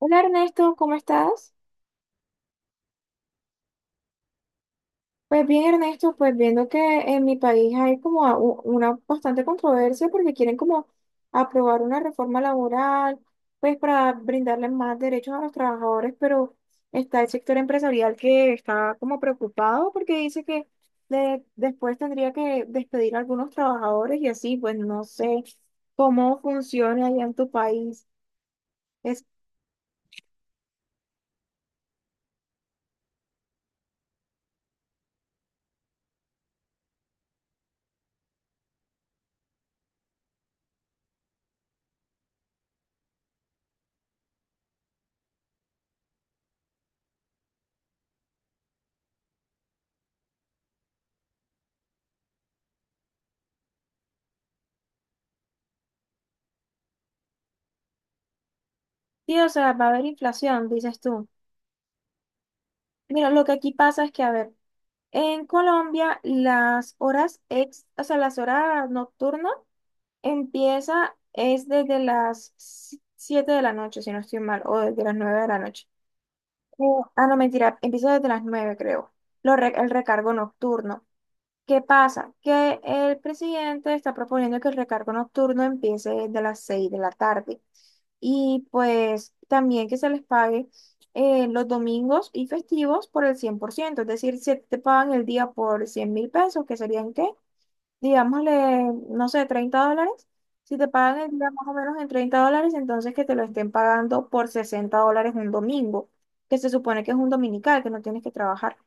Hola Ernesto, ¿cómo estás? Pues bien Ernesto, pues viendo que en mi país hay como una bastante controversia porque quieren como aprobar una reforma laboral, pues para brindarle más derechos a los trabajadores, pero está el sector empresarial que está como preocupado porque dice que después tendría que despedir a algunos trabajadores y así, pues no sé cómo funciona allá en tu país. Es, sí, o sea, va a haber inflación, dices tú. Mira, lo que aquí pasa es que, a ver, en Colombia, las horas ex, o sea, las horas nocturnas empieza es desde las 7 de la noche, si no estoy mal, o desde las 9 de la noche. Eh, ah, no, mentira, empieza desde las 9 creo. El recargo nocturno. ¿Qué pasa? Que el presidente está proponiendo que el recargo nocturno empiece desde las 6 de la tarde y pues también que se les pague los domingos y festivos por el 100%, es decir, si te pagan el día por 100.000 pesos, que serían qué, digámosle, no sé, $30, si te pagan el día más o menos en $30, entonces que te lo estén pagando por $60 un domingo, que se supone que es un dominical, que no tienes que trabajar.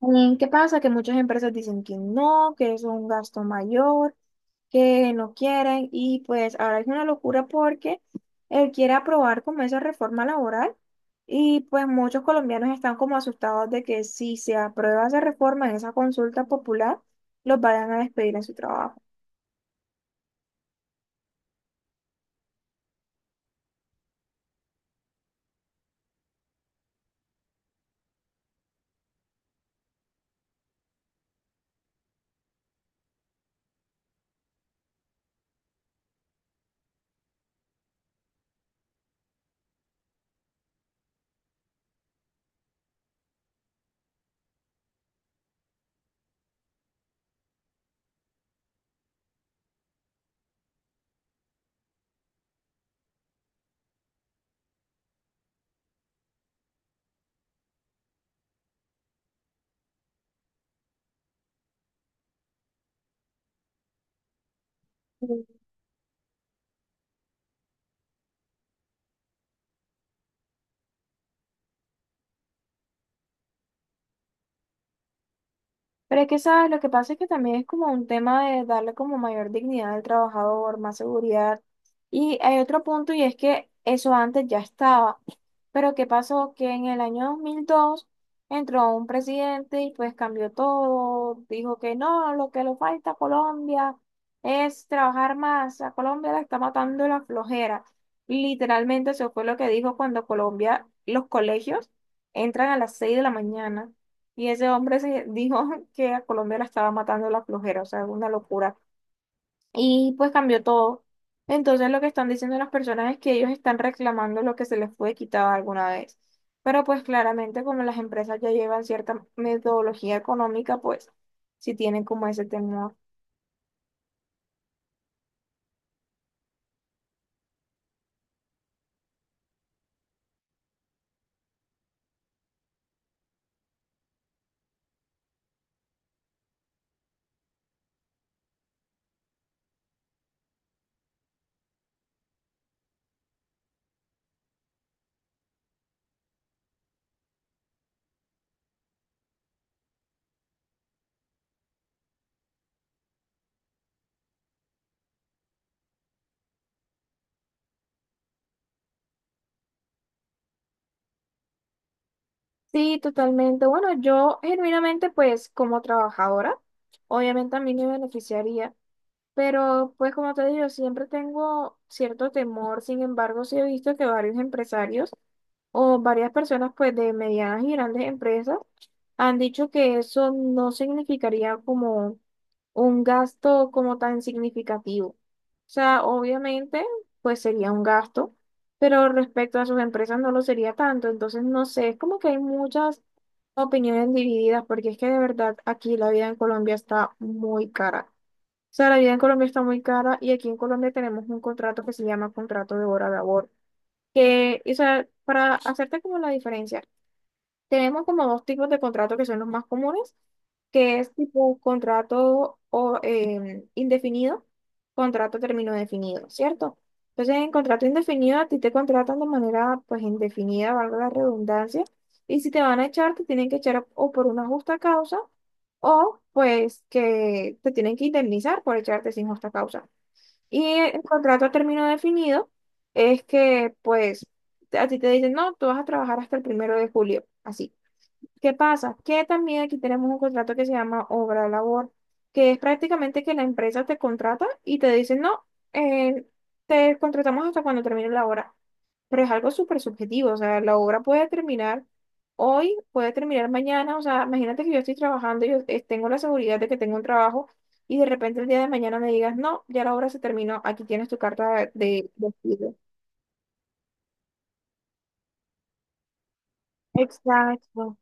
Mm, ¿qué pasa? Que muchas empresas dicen que no, que es un gasto mayor, que no quieren y pues ahora es una locura porque él quiere aprobar como esa reforma laboral y pues muchos colombianos están como asustados de que si se aprueba esa reforma en esa consulta popular, los vayan a despedir en su trabajo. Pero es que, ¿sabes? Lo que pasa es que también es como un tema de darle como mayor dignidad al trabajador, más seguridad. Y hay otro punto y es que eso antes ya estaba. Pero ¿qué pasó? Que en el año 2002 entró un presidente y pues cambió todo. Dijo que no, lo que le falta a Colombia es trabajar más. A Colombia la está matando la flojera. Literalmente eso fue lo que dijo cuando Colombia, los colegios entran a las 6 de la mañana. Y ese hombre se dijo que a Colombia la estaba matando la flojera, o sea, una locura. Y pues cambió todo. Entonces lo que están diciendo las personas es que ellos están reclamando lo que se les fue quitado alguna vez. Pero pues claramente como las empresas ya llevan cierta metodología económica, pues sí tienen como ese temor. Sí, totalmente. Bueno, yo genuinamente pues como trabajadora, obviamente a mí me beneficiaría. Pero pues como te digo, siempre tengo cierto temor, sin embargo, sí he visto que varios empresarios o varias personas pues de medianas y grandes empresas han dicho que eso no significaría como un gasto como tan significativo. O sea, obviamente pues sería un gasto, pero respecto a sus empresas no lo sería tanto. Entonces, no sé, es como que hay muchas opiniones divididas porque es que de verdad aquí la vida en Colombia está muy cara. O sea, la vida en Colombia está muy cara y aquí en Colombia tenemos un contrato que se llama contrato de hora labor, que, o sea, para hacerte como la diferencia, tenemos como dos tipos de contratos que son los más comunes, que es tipo contrato o, indefinido, contrato a término definido, ¿cierto? Entonces, en contrato indefinido a ti te contratan de manera pues indefinida, valga la redundancia, y si te van a echar, te tienen que echar o por una justa causa o pues que te tienen que indemnizar por echarte sin justa causa. Y el contrato a término definido es que pues a ti te dicen, no, tú vas a trabajar hasta el primero de julio, así. ¿Qué pasa? Que también aquí tenemos un contrato que se llama obra labor, que es prácticamente que la empresa te contrata y te dice, no, eh, te contratamos hasta cuando termine la obra. Pero es algo súper subjetivo, o sea, la obra puede terminar hoy, puede terminar mañana, o sea, imagínate que yo estoy trabajando, yo tengo la seguridad de que tengo un trabajo y de repente el día de mañana me digas, no, ya la obra se terminó, aquí tienes tu carta de despido. Exacto.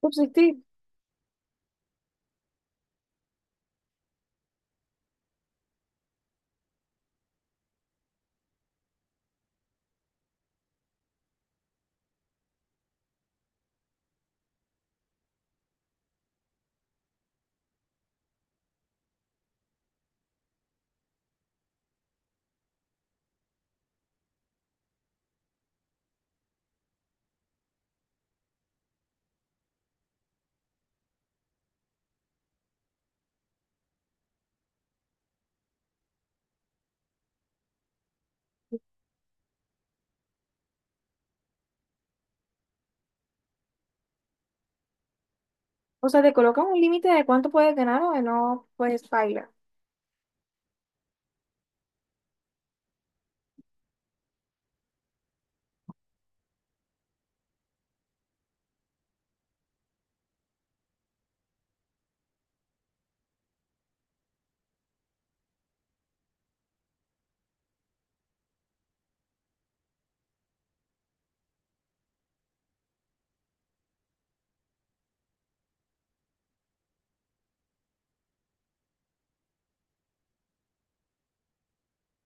Pues sí, sí. O sea, te colocan un límite de cuánto puedes ganar o de no, puedes baila.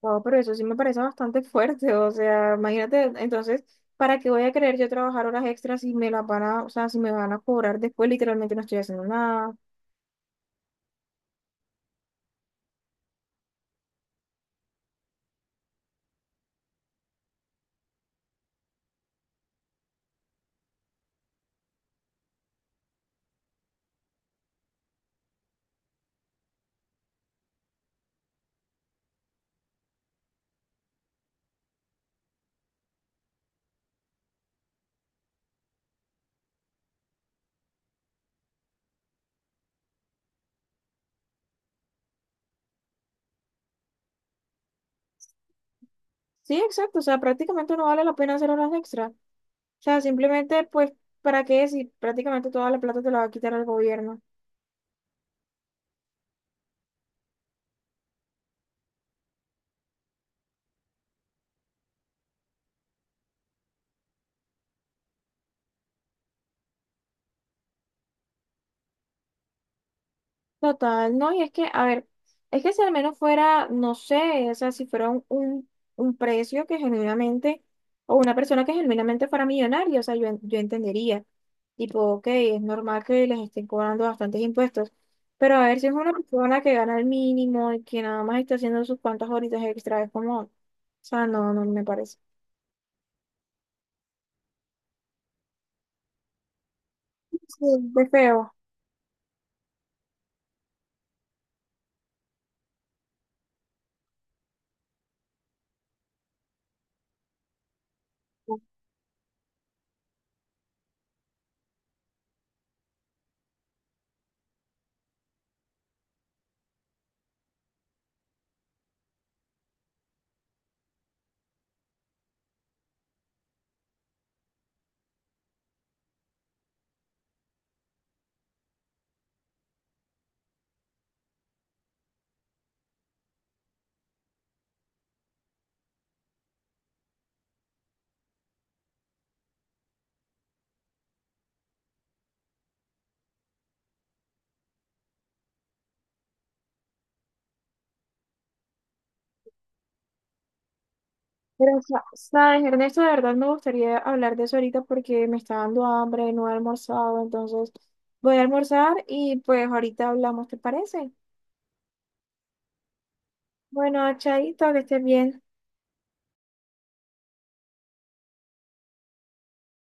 Wow, pero eso sí me parece bastante fuerte. O sea, imagínate, entonces, ¿para qué voy a querer yo trabajar horas extras si me las van a, o sea, si me van a cobrar después? Literalmente no estoy haciendo nada. Sí, exacto. O sea, prácticamente no vale la pena hacer horas extras. O sea, simplemente, pues, ¿para qué si prácticamente toda la plata te la va a quitar el gobierno? Total, no, y es que, a ver, es que si al menos fuera, no sé, o sea, si fuera un precio que genuinamente, o una persona que genuinamente fuera millonaria, o sea, yo, yo entendería, tipo, ok, es normal que les estén cobrando bastantes impuestos, pero a ver si es una persona que gana el mínimo y que nada más está haciendo sus cuantas horitas extra, es como, o sea, no, no me parece. Sí, de feo. Pero, sabes, Ernesto, de verdad me gustaría hablar de eso ahorita porque me está dando hambre, no he almorzado, entonces voy a almorzar y pues ahorita hablamos, ¿te parece? Bueno, chaito, que estés bien.